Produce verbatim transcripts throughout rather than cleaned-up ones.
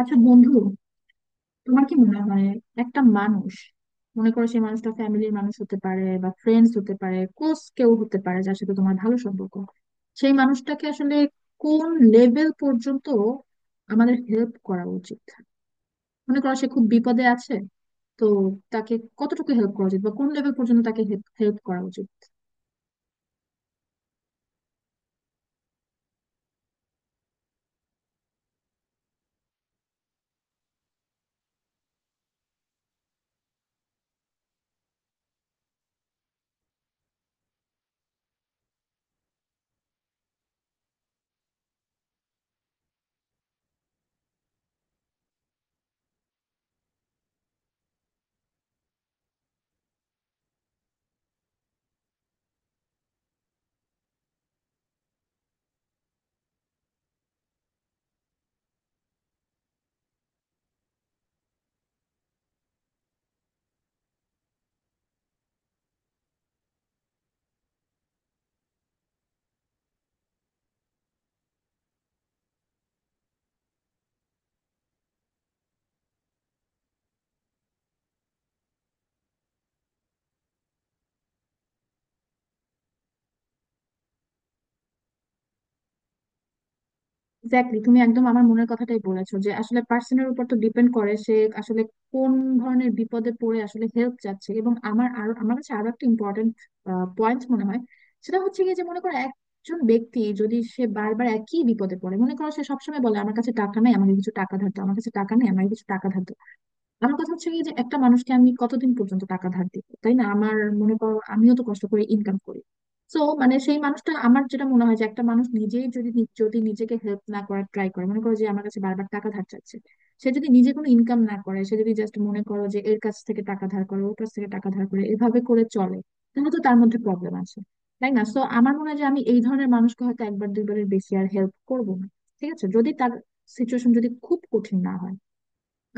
আচ্ছা বন্ধু, তোমার কি মনে হয় একটা মানুষ, মনে করো সেই মানুষটা ফ্যামিলির মানুষ হতে পারে বা ফ্রেন্ডস হতে পারে, ক্লোজ কেউ হতে পারে যার সাথে তোমার ভালো সম্পর্ক, সেই মানুষটাকে আসলে কোন লেভেল পর্যন্ত আমাদের হেল্প করা উচিত? মনে করো সে খুব বিপদে আছে, তো তাকে কতটুকু হেল্প করা উচিত বা কোন লেভেল পর্যন্ত তাকে হেল্প করা উচিত? এক্স্যাক্টলি, তুমি একদম আমার মনের কথাটাই বলেছো যে আসলে পার্সনের উপর তো ডিপেন্ড করে সে আসলে কোন ধরনের বিপদে পড়ে আসলে হেল্প চাচ্ছে। এবং আমার আরো, আমার কাছে আরো একটা ইম্পর্টেন্ট পয়েন্ট মনে হয়, সেটা হচ্ছে গিয়ে যে মনে করো একজন ব্যক্তি যদি সে বারবার একই বিপদে পড়ে, মনে করো সে সবসময় বলে আমার কাছে টাকা নাই আমাকে কিছু টাকা ধার দাও, আমার কাছে টাকা নেই আমাকে কিছু টাকা ধার দাও। আমার কথা হচ্ছে কি যে একটা মানুষকে আমি কতদিন পর্যন্ত টাকা ধার দিব, তাই না? আমার, মনে করো আমিও তো কষ্ট করে ইনকাম করি। তো মানে সেই মানুষটা, আমার যেটা মনে হয় যে একটা মানুষ নিজেই যদি নি- যদি নিজেকে হেল্প না করার ট্রাই করে, মনে করো যে আমার কাছে বারবার টাকা ধার চাচ্ছে, সে যদি নিজে কোনো ইনকাম না করে, সে যদি জাস্ট মনে করো যে এর কাছ থেকে টাকা ধার করে ওর কাছ থেকে টাকা ধার করে এভাবে করে চলে, তাহলে তো তার মধ্যে প্রবলেম আছে, তাই না? সো আমার মনে হয় যে আমি এই ধরনের মানুষকে হয়তো একবার দুইবারের বেশি আর হেল্প করবো না। ঠিক আছে, যদি তার সিচুয়েশন যদি খুব কঠিন না হয়।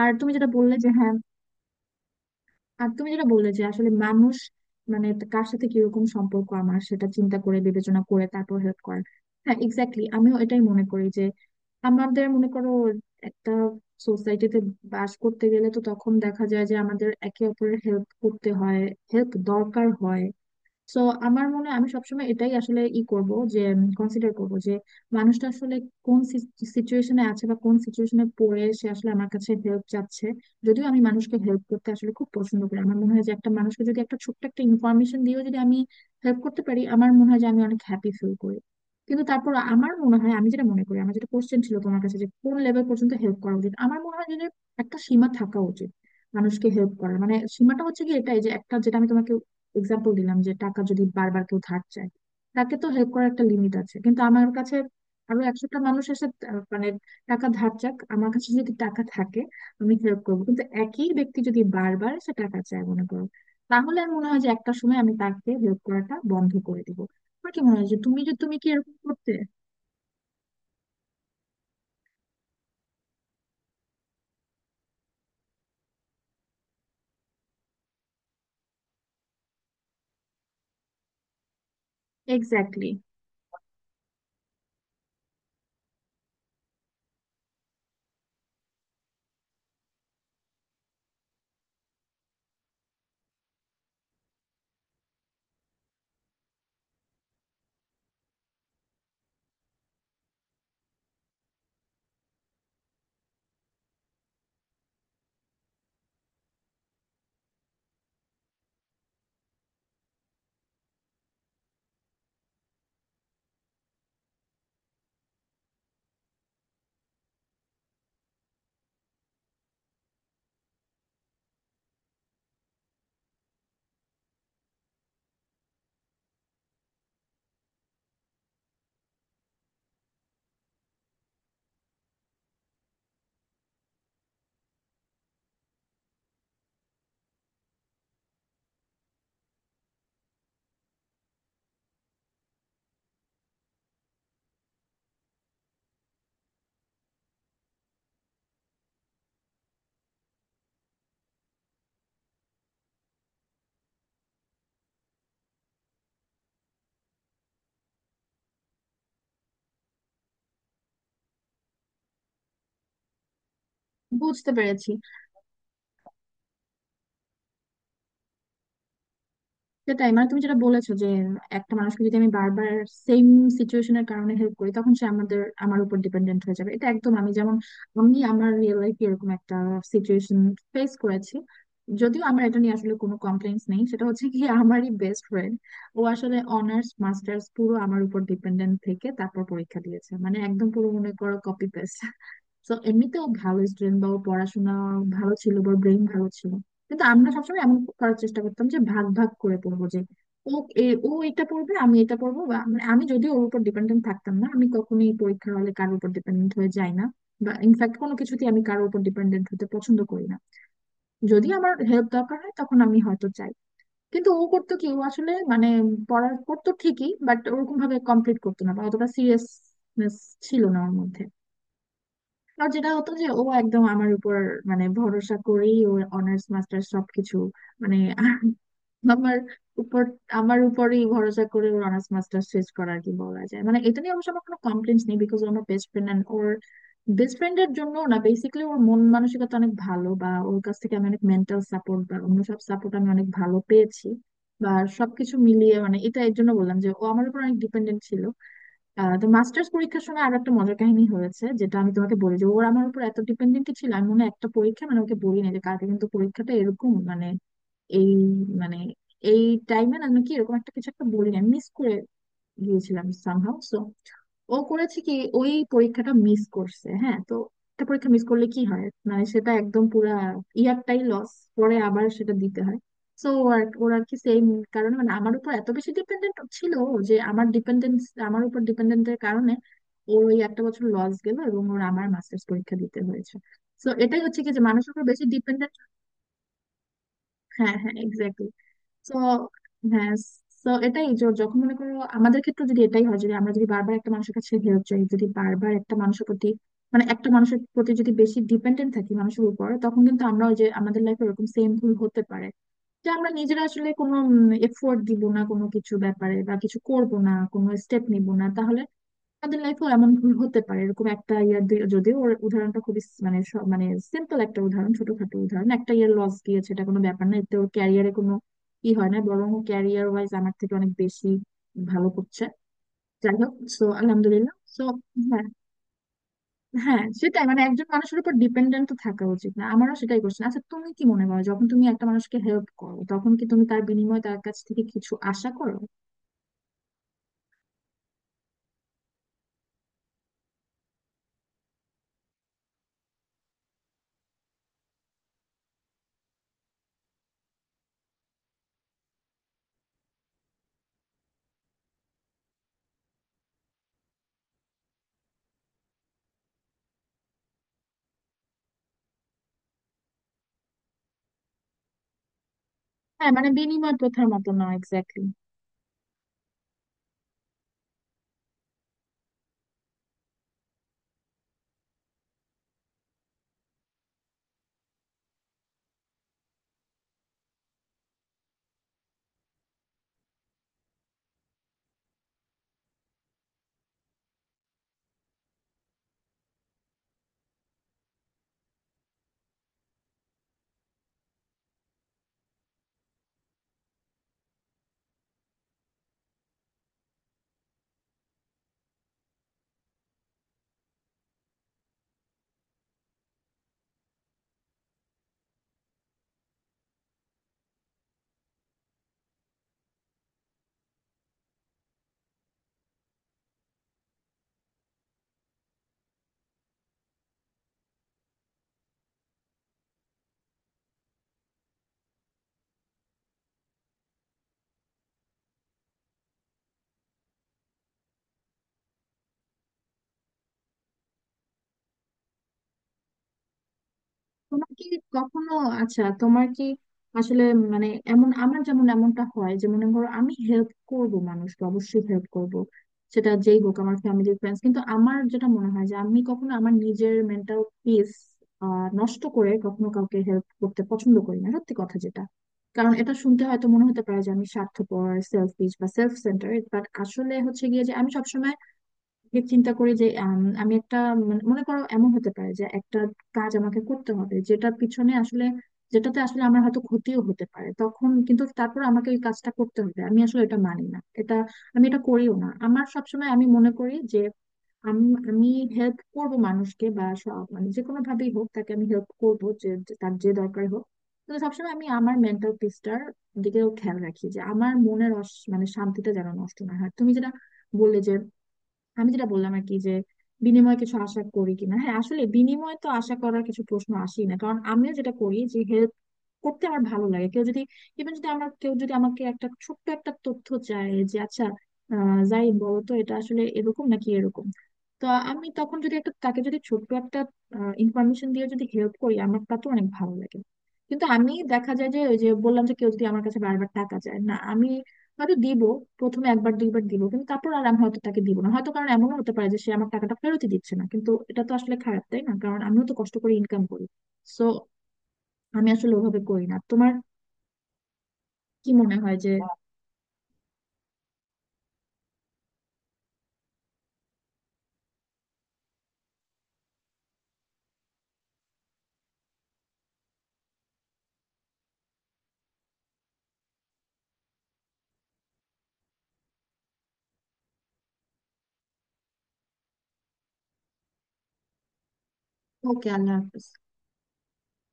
আর তুমি যেটা বললে যে, হ্যাঁ, আর তুমি যেটা বললে যে আসলে মানুষ, মানে কার সাথে কিরকম সম্পর্ক আমার, সেটা চিন্তা করে বিবেচনা করে তারপর হেল্প করার। হ্যাঁ এক্স্যাক্টলি, আমিও এটাই মনে করি যে আমাদের, মনে করো একটা সোসাইটিতে বাস করতে গেলে তো তখন দেখা যায় যে আমাদের একে অপরের হেল্প করতে হয়, হেল্প দরকার হয়। সো আমার মনে হয় আমি সবসময় এটাই আসলে ই করব যে কনসিডার করব যে মানুষটা আসলে কোন সিচুয়েশনে আছে বা কোন সিচুয়েশনে পড়ে সে আসলে আমার কাছে হেল্প চাচ্ছে। যদিও আমি মানুষকে হেল্প করতে আসলে খুব পছন্দ করি, আমার মনে হয় যে একটা মানুষকে যদি একটা ছোট্ট একটা ইনফরমেশন দিয়েও যদি আমি হেল্প করতে পারি, আমার মনে হয় যে আমি অনেক হ্যাপি ফিল করি। কিন্তু তারপর আমার মনে হয়, আমি যেটা মনে করি, আমার যেটা কোশ্চেন ছিল তোমার কাছে যে কোন লেভেল পর্যন্ত হেল্প করা উচিত, আমার মনে হয় যে একটা সীমা থাকা উচিত মানুষকে হেল্প করার। মানে সীমাটা হচ্ছে কি এটাই যে একটা, যেটা আমি তোমাকে এক্সাম্পল দিলাম যে টাকা যদি বারবার কেউ ধার চায়, তাকে তো হেল্প করার একটা লিমিট আছে। কিন্তু আমার কাছে আরো একশোটা মানুষ এসে আহ, মানে টাকা ধার চাক, আমার কাছে যদি টাকা থাকে আমি হেল্প করবো। কিন্তু একই ব্যক্তি যদি বারবার সে টাকা চায়, মনে করো, তাহলে আমি মনে হয় যে একটা সময় আমি তাকে হেল্প করাটা বন্ধ করে দিব। আমার কি মনে হয় যে তুমি যে, তুমি কি এরকম করতে? এক্স্যাক্টলি, বুঝতে পেরেছি। সেটাই, মানে তুমি যেটা বলেছো যে একটা মানুষকে যদি আমি বারবার সেম সিচুয়েশনের কারণে হেল্প করি, তখন সে আমাদের, আমার উপর ডিপেন্ডেন্ট হয়ে যাবে। এটা একদম, আমি যেমন আমি আমার রিয়েল লাইফে এরকম একটা সিচুয়েশন ফেস করেছি। যদিও আমার এটা নিয়ে আসলে কোনো কমপ্লেন্টস নেই, সেটা হচ্ছে কি আমারই বেস্ট ফ্রেন্ড, ও আসলে অনার্স মাস্টার্স পুরো আমার উপর ডিপেন্ডেন্ট থেকে তারপর পরীক্ষা দিয়েছে, মানে একদম পুরো মনে করো কপি পেস্ট। তো এমনিতেও ভালো স্টুডেন্ট, বা ওর পড়াশোনা ভালো ছিল বা ব্রেইন ভালো ছিল, কিন্তু আমরা সবসময় এমন করার চেষ্টা করতাম যে ভাগ ভাগ করে পড়বো, যে ও এ- ও এটা পড়বে আমি এটা পড়বো। বা মানে আমি যদিও ওর উপর ডিপেন্ডেন্ট থাকতাম না, আমি কখনোই পরীক্ষার হলে কারোর উপর ডিপেন্ডেন্ট হয়ে যাই না, বা ইনফ্যাক্ট কোনো কিছুতেই আমি কারোর উপর ডিপেন্ডেন্ট হতে পছন্দ করি না। যদি আমার হেল্প দরকার হয় তখন আমি হয়তো চাই। কিন্তু ও করতো কি, ও আসলে মানে পড়ার করতো ঠিকই, বাট ওরকম ভাবে কমপ্লিট করতো না বা অতটা সিরিয়াসনেস ছিল না ওর মধ্যে। আর যেটা হতো যে ও একদম আমার উপর, মানে ভরসা করেই ওর অনার্স মাস্টার্স সবকিছু, মানে আমার উপর, আমার উপরেই ভরসা করে ওর অনার্স মাস্টার্স শেষ করার কি বলা যায়। মানে এটা নিয়ে অবশ্য আমার কোনো কমপ্লেন নেই, বিকজ ও আমার বেস্ট ফ্রেন্ড অ্যান্ড ওর, বেস্ট ফ্রেন্ডের জন্য না, বেসিক্যালি ওর মন মানসিকতা অনেক ভালো, বা ওর কাছ থেকে আমি অনেক মেন্টাল সাপোর্ট বা অন্য সব সাপোর্ট আমি অনেক ভালো পেয়েছি। বা সবকিছু মিলিয়ে, মানে এটা এর জন্য বললাম যে ও আমার উপর অনেক ডিপেন্ডেন্ট ছিল। আহ, তো মাস্টার্স পরীক্ষার সময় আরো একটা মজার কাহিনী হয়েছে, যেটা আমি তোমাকে বলি যে ওর, আমার উপর এত ডিপেন্ডেন্ট ছিল, আমি মনে হয় একটা পরীক্ষা মানে ওকে বলি না যে কালকে কিন্তু পরীক্ষাটা, এরকম মানে এই, মানে এই টাইমে না নাকি এরকম একটা কিছু একটা বলি না, মিস করে গিয়েছিলাম সামহাউ। সো ও করেছে কি ওই পরীক্ষাটা মিস করছে। হ্যাঁ, তো একটা পরীক্ষা মিস করলে কি হয়, মানে সেটা একদম পুরা ইয়ারটাই লস, পরে আবার সেটা দিতে হয়। সো আর ওর আর কি সেম কারণে মানে আমার উপর এত বেশি ডিপেন্ডেন্ট ছিল ও, যে আমার ডিপেন্ডেন্স, আমার উপর ডিপেন্ডেন্টের কারণে ওর ওই একটা বছর লস গেল এবং ওর আমার মাস্টার্স পরীক্ষা দিতে হয়েছে। তো এটাই হচ্ছে কি যে মানুষের উপর বেশি ডিপেন্ডেন্ট। হ্যাঁ, হ্যাঁ এক্স্যাক্টলি। তো হ্যাঁ, তো এটাই যে যখন মনে করো আমাদের ক্ষেত্রে যদি এটাই হয়, যদি আমরা যদি বারবার একটা মানুষের কাছে হেল্প চাই, যদি বারবার একটা মানুষের প্রতি, মানে একটা মানুষের প্রতি যদি বেশি ডিপেন্ডেন্ট থাকি মানুষের উপর, তখন কিন্তু আমরা ওই যে আমাদের লাইফে এরকম সেম ভুল হতে পারে যে আমরা নিজেরা আসলে কোনো এফোর্ট দিব না কোনো কিছু ব্যাপারে, বা কিছু করব না কোনো স্টেপ নিব না, তাহলে আমাদের লাইফেও এমন ভুল হতে পারে। এরকম একটা ইয়ার দুই, যদিও ওর উদাহরণটা খুবই স- মানে স- মানে সিম্পল একটা উদাহরণ, ছোটখাটো উদাহরণ, একটা ইয়ার লস গিয়েছে এটা কোনো ব্যাপার না, এতে ওর ক্যারিয়ারে কোনো ই হয় না, বরং ক্যারিয়ার ওয়াইজ আমার থেকে অনেক বেশি ভালো করছে। যাই হোক, সো আলহামদুলিল্লাহ। সো হ্যাঁ, হ্যাঁ, সেটাই, মানে একজন মানুষের উপর ডিপেন্ডেন্ট তো থাকা উচিত না, আমারও সেটাই করছে। আচ্ছা, তুমি কি মনে করো যখন তুমি একটা মানুষকে হেল্প করো তখন কি তুমি তার বিনিময়ে তার কাছ থেকে কিছু আশা করো? হ্যাঁ মানে বিনিময় প্রথার মতো না, এক্স্যাক্টলি। তোমার কি কখনো, আচ্ছা তোমার কি আসলে, মানে এমন, আমার যেমন এমনটা হয় যে মনে করো আমি হেল্প করব মানুষকে, অবশ্যই হেল্প করব, সেটা যেই হোক আমার ফ্যামিলির ফ্রেন্ডস, কিন্তু আমার যেটা মনে হয় যে আমি কখনো আমার নিজের মেন্টাল পিস নষ্ট করে কখনো কাউকে হেল্প করতে পছন্দ করি না, সত্যি কথা যেটা। কারণ এটা শুনতে হয়তো মনে হতে পারে যে আমি স্বার্থপর, সেলফিশ বা সেলফ সেন্টারেড, বাট আসলে হচ্ছে গিয়ে যে আমি সবসময় যে চিন্তা করি যে আম, আমি একটা, মানে মনে করো এমন হতে পারে যে একটা কাজ আমাকে করতে হবে যেটা পিছনে আসলে, যেটাতে আসলে আমার হয়তো ক্ষতিও হতে পারে, তখন কিন্তু তারপর আমাকে ওই কাজটা করতে হবে, আমি আসলে এটা মানি না এটা, আমি এটা করিও না। আমার সবসময় আমি মনে করি যে আমি আমি হেল্প করব মানুষকে বা সব, মানে যে কোনো ভাবেই হোক তাকে আমি হেল্প করব যে যে- তার যে দরকার হোক। তো সবসময় আমি আমার মেন্টাল পিসটার দিকেও খেয়াল রাখি, যে আমার মনের অস- মানে শান্তিটা যেন নষ্ট না হয়। তুমি যেটা বললে যে, আমি যেটা বললাম আর কি যে বিনিময়ে কিছু আশা করি কিনা, হ্যাঁ আসলে বিনিময়ে তো আশা করার কিছু প্রশ্ন আসেই না, কারণ আমিও যেটা করি যে হেল্প করতে আমার ভালো লাগে। কেউ যদি, ইভেন যদি আমার কেউ যদি আমাকে একটা ছোট্ট একটা তথ্য চায় যে আচ্ছা, আহ জাহিদ বলো তো এটা আসলে এরকম নাকি এরকম, তো আমি তখন যদি একটা তাকে যদি ছোট্ট একটা ইনফরমেশন দিয়ে যদি হেল্প করি, আমার তা তো অনেক ভালো লাগে। কিন্তু আমি দেখা যায় যে ওই যে বললাম যে কেউ যদি আমার কাছে বারবার টাকা চায়, না আমি হয়তো দিব, প্রথমে একবার দুইবার দিব, কিন্তু তারপর আর আমি হয়তো তাকে দিব না হয়তো, কারণ এমনও হতে পারে যে সে আমার টাকাটা ফেরতই দিচ্ছে না, কিন্তু এটা তো আসলে খারাপ, তাই না? কারণ আমিও তো কষ্ট করে ইনকাম করি। সো আমি আসলে ওভাবে করি না। তোমার কি মনে হয় যে, ওকে, আল্লাহ হাফেজ।